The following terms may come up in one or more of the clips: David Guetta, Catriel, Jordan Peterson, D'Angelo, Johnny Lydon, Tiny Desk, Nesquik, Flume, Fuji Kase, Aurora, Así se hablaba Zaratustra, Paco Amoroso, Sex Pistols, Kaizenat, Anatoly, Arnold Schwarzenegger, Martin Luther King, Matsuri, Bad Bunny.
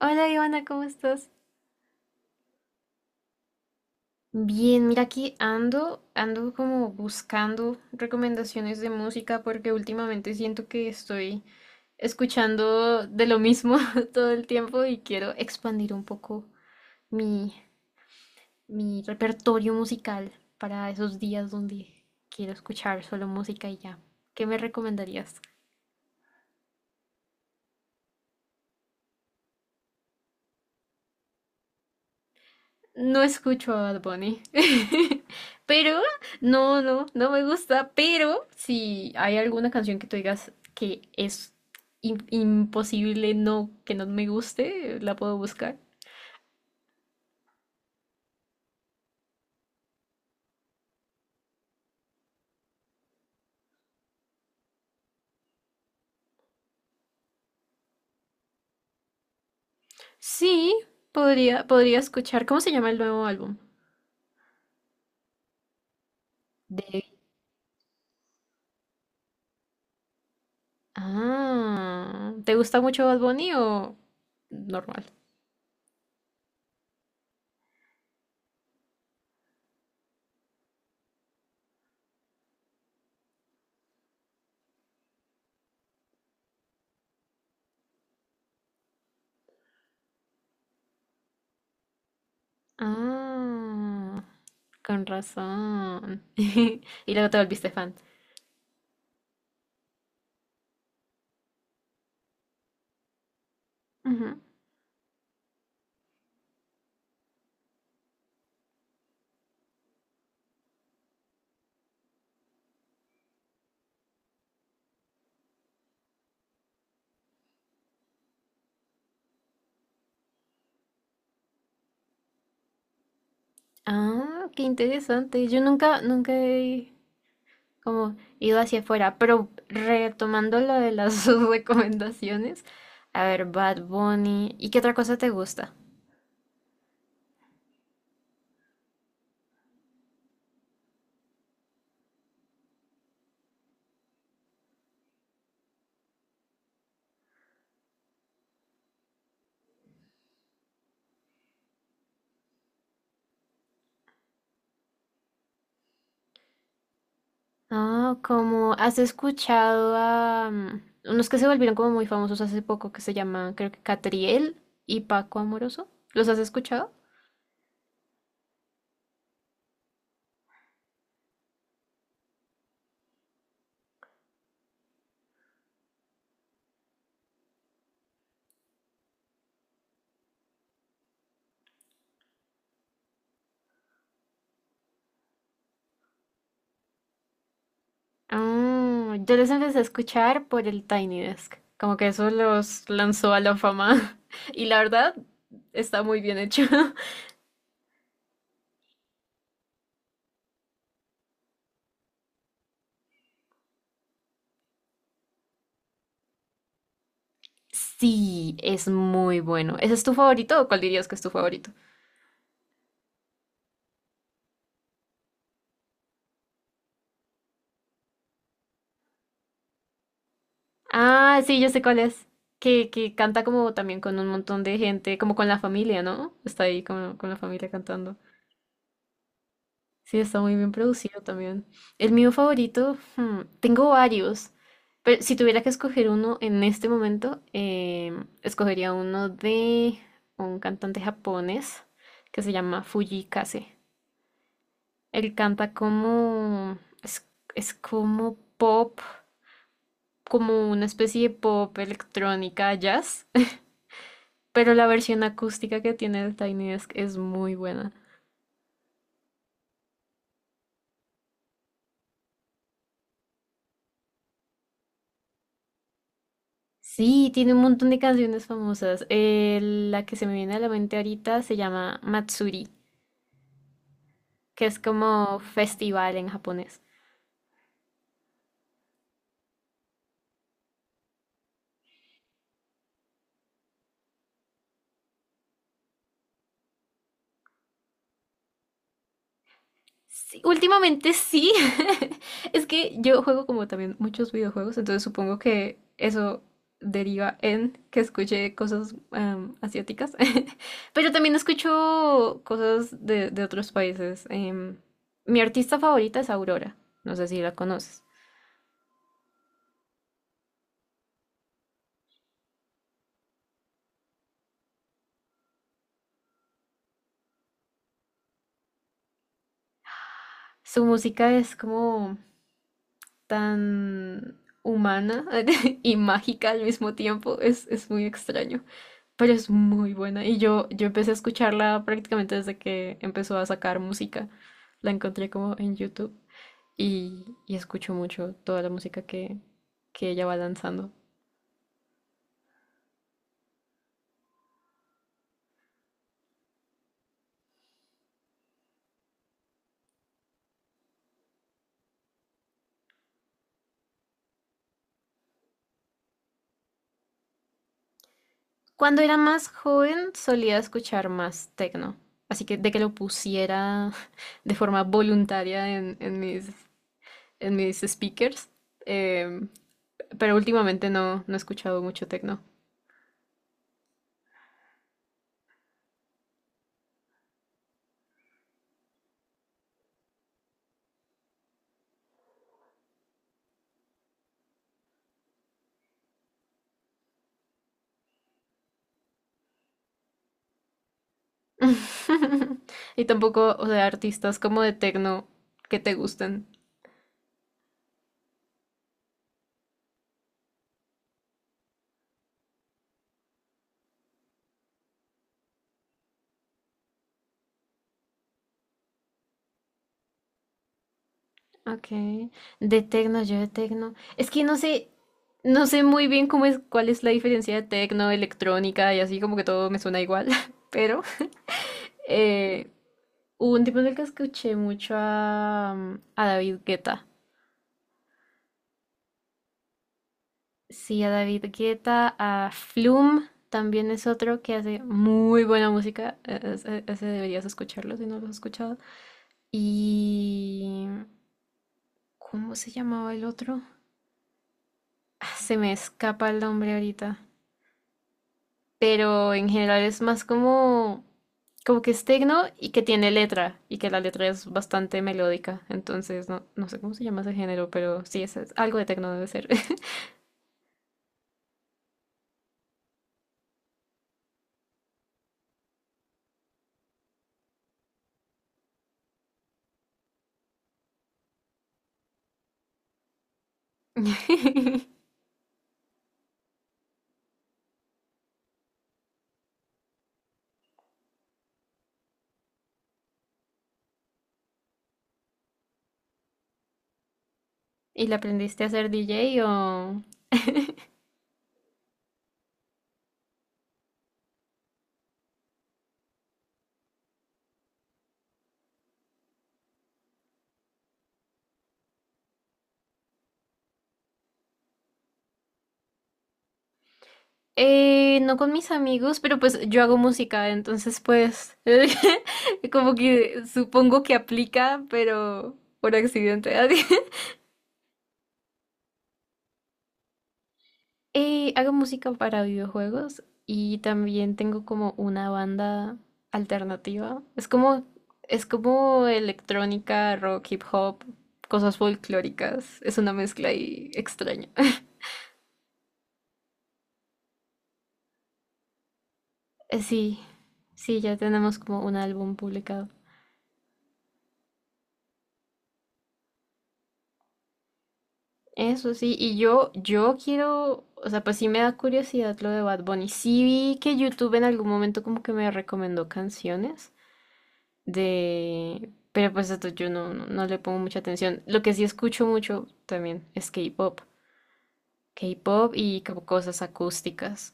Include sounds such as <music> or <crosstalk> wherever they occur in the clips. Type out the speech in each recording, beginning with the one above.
Hola Ivana, ¿cómo estás? Bien, mira aquí ando, ando como buscando recomendaciones de música porque últimamente siento que estoy escuchando de lo mismo <laughs> todo el tiempo y quiero expandir un poco mi, mi repertorio musical para esos días donde quiero escuchar solo música y ya. ¿Qué me recomendarías? No escucho a Bad Bunny. <laughs> Pero, no, no, no me gusta. Pero, si hay alguna canción que tú digas que es imposible no, que no me guste, la puedo buscar. Sí, podría escuchar. ¿Cómo se llama el nuevo álbum? De... Ah, ¿te gusta mucho Bad Bunny o normal? Ah, con razón. <laughs> Y luego te volviste fan. Ujú. Ah, qué interesante. Yo nunca, nunca he como ido hacia afuera, pero retomando lo de las <laughs> recomendaciones, a ver, Bad Bunny, ¿y qué otra cosa te gusta? Ah, ¿como has escuchado a unos que se volvieron como muy famosos hace poco que se llaman, creo que Catriel y Paco Amoroso? ¿Los has escuchado? Ah, yo los empecé a escuchar por el Tiny Desk, como que eso los lanzó a la fama <laughs> y la verdad está muy bien hecho. <laughs> Sí, es muy bueno. ¿Ese es tu favorito o cuál dirías que es tu favorito? Ah, sí, yo sé cuál es. Que canta como también con un montón de gente, como con la familia, ¿no? Está ahí con la familia cantando. Sí, está muy bien producido también. El mío favorito, hmm, tengo varios, pero si tuviera que escoger uno en este momento, escogería uno de un cantante japonés que se llama Fuji Kase. Él canta como... Es, es como pop, como una especie de pop electrónica jazz, <laughs> pero la versión acústica que tiene el Tiny Desk es muy buena. Sí, tiene un montón de canciones famosas. La que se me viene a la mente ahorita se llama Matsuri, que es como festival en japonés. Sí, últimamente sí. <laughs> Es que yo juego como también muchos videojuegos, entonces supongo que eso deriva en que escuche cosas asiáticas. <laughs> Pero también escucho cosas de otros países. Mi artista favorita es Aurora. No sé si la conoces. Su música es como tan humana <laughs> y mágica al mismo tiempo. Es muy extraño. Pero es muy buena. Yo empecé a escucharla prácticamente desde que empezó a sacar música. La encontré como en YouTube y escucho mucho toda la música que ella va lanzando. Cuando era más joven solía escuchar más techno. Así que de que lo pusiera <laughs> de forma voluntaria en mis speakers. em, pero últimamente no, no he escuchado mucho techno. <laughs> Y tampoco, o sea, artistas como de tecno que te gusten. Okay. De tecno, yo de tecno. Es que no sé, no sé muy bien cómo es, cuál es la diferencia de tecno, electrónica y así como que todo me suena igual. <laughs> Pero eh, hubo un tiempo en el que escuché mucho a David Guetta. Sí, a David Guetta, a Flume también es otro que hace muy buena música. Ese, deberías escucharlo si no lo has escuchado. Y ¿cómo se llamaba el otro? Ah, se me escapa el nombre ahorita. Pero en general es más como que es tecno y que tiene letra. Y que la letra es bastante melódica. Entonces, no, no sé cómo se llama ese género, pero sí, es algo de tecno debe ser. <laughs> ¿Y la aprendiste a ser DJ o...? No con mis amigos, pero pues yo hago música, entonces pues <laughs> como que supongo que aplica, pero por accidente. <laughs> Hago música para videojuegos y también tengo como una banda alternativa. Es como electrónica, rock, hip hop, cosas folclóricas. Es una mezcla ahí extraña. <laughs> Eh, Sí, sí, ya tenemos como un álbum publicado. Eso sí, yo quiero, o sea, pues sí me da curiosidad lo de Bad Bunny. Sí vi que YouTube en algún momento como que me recomendó canciones. De... Pero pues esto yo no, no, no le pongo mucha atención. Lo que sí escucho mucho también es K-pop. K-pop y como cosas acústicas.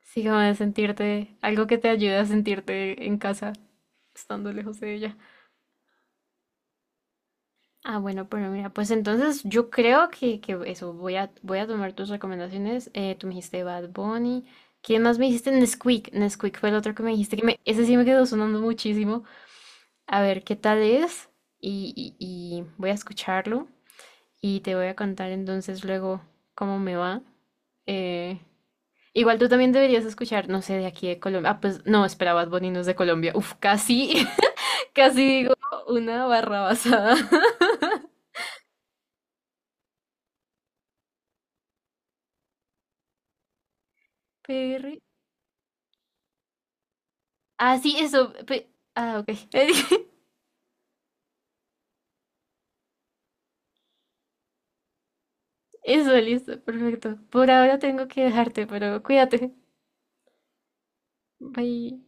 Sí, como de sentirte, algo que te ayude a sentirte en casa, estando lejos de ella. Ah, bueno, pero mira, pues entonces yo creo que eso, voy a tomar tus recomendaciones. Tú me dijiste Bad Bunny. ¿Quién más me dijiste? Nesquik. Nesquik fue el otro que me dijiste, que me, ese sí me quedó sonando muchísimo. A ver qué tal es y voy a escucharlo. Y te voy a contar entonces luego cómo me va. Eh, igual tú también deberías escuchar, no sé, de aquí de Colombia. Ah, pues no, espera, Bad Bunny no es de Colombia. Uf, casi, <laughs> casi digo una barra basada. <laughs> PR. Ah, sí, eso. Ah, ok. <laughs> Eso, listo, perfecto. Por ahora tengo que dejarte, pero cuídate. Bye.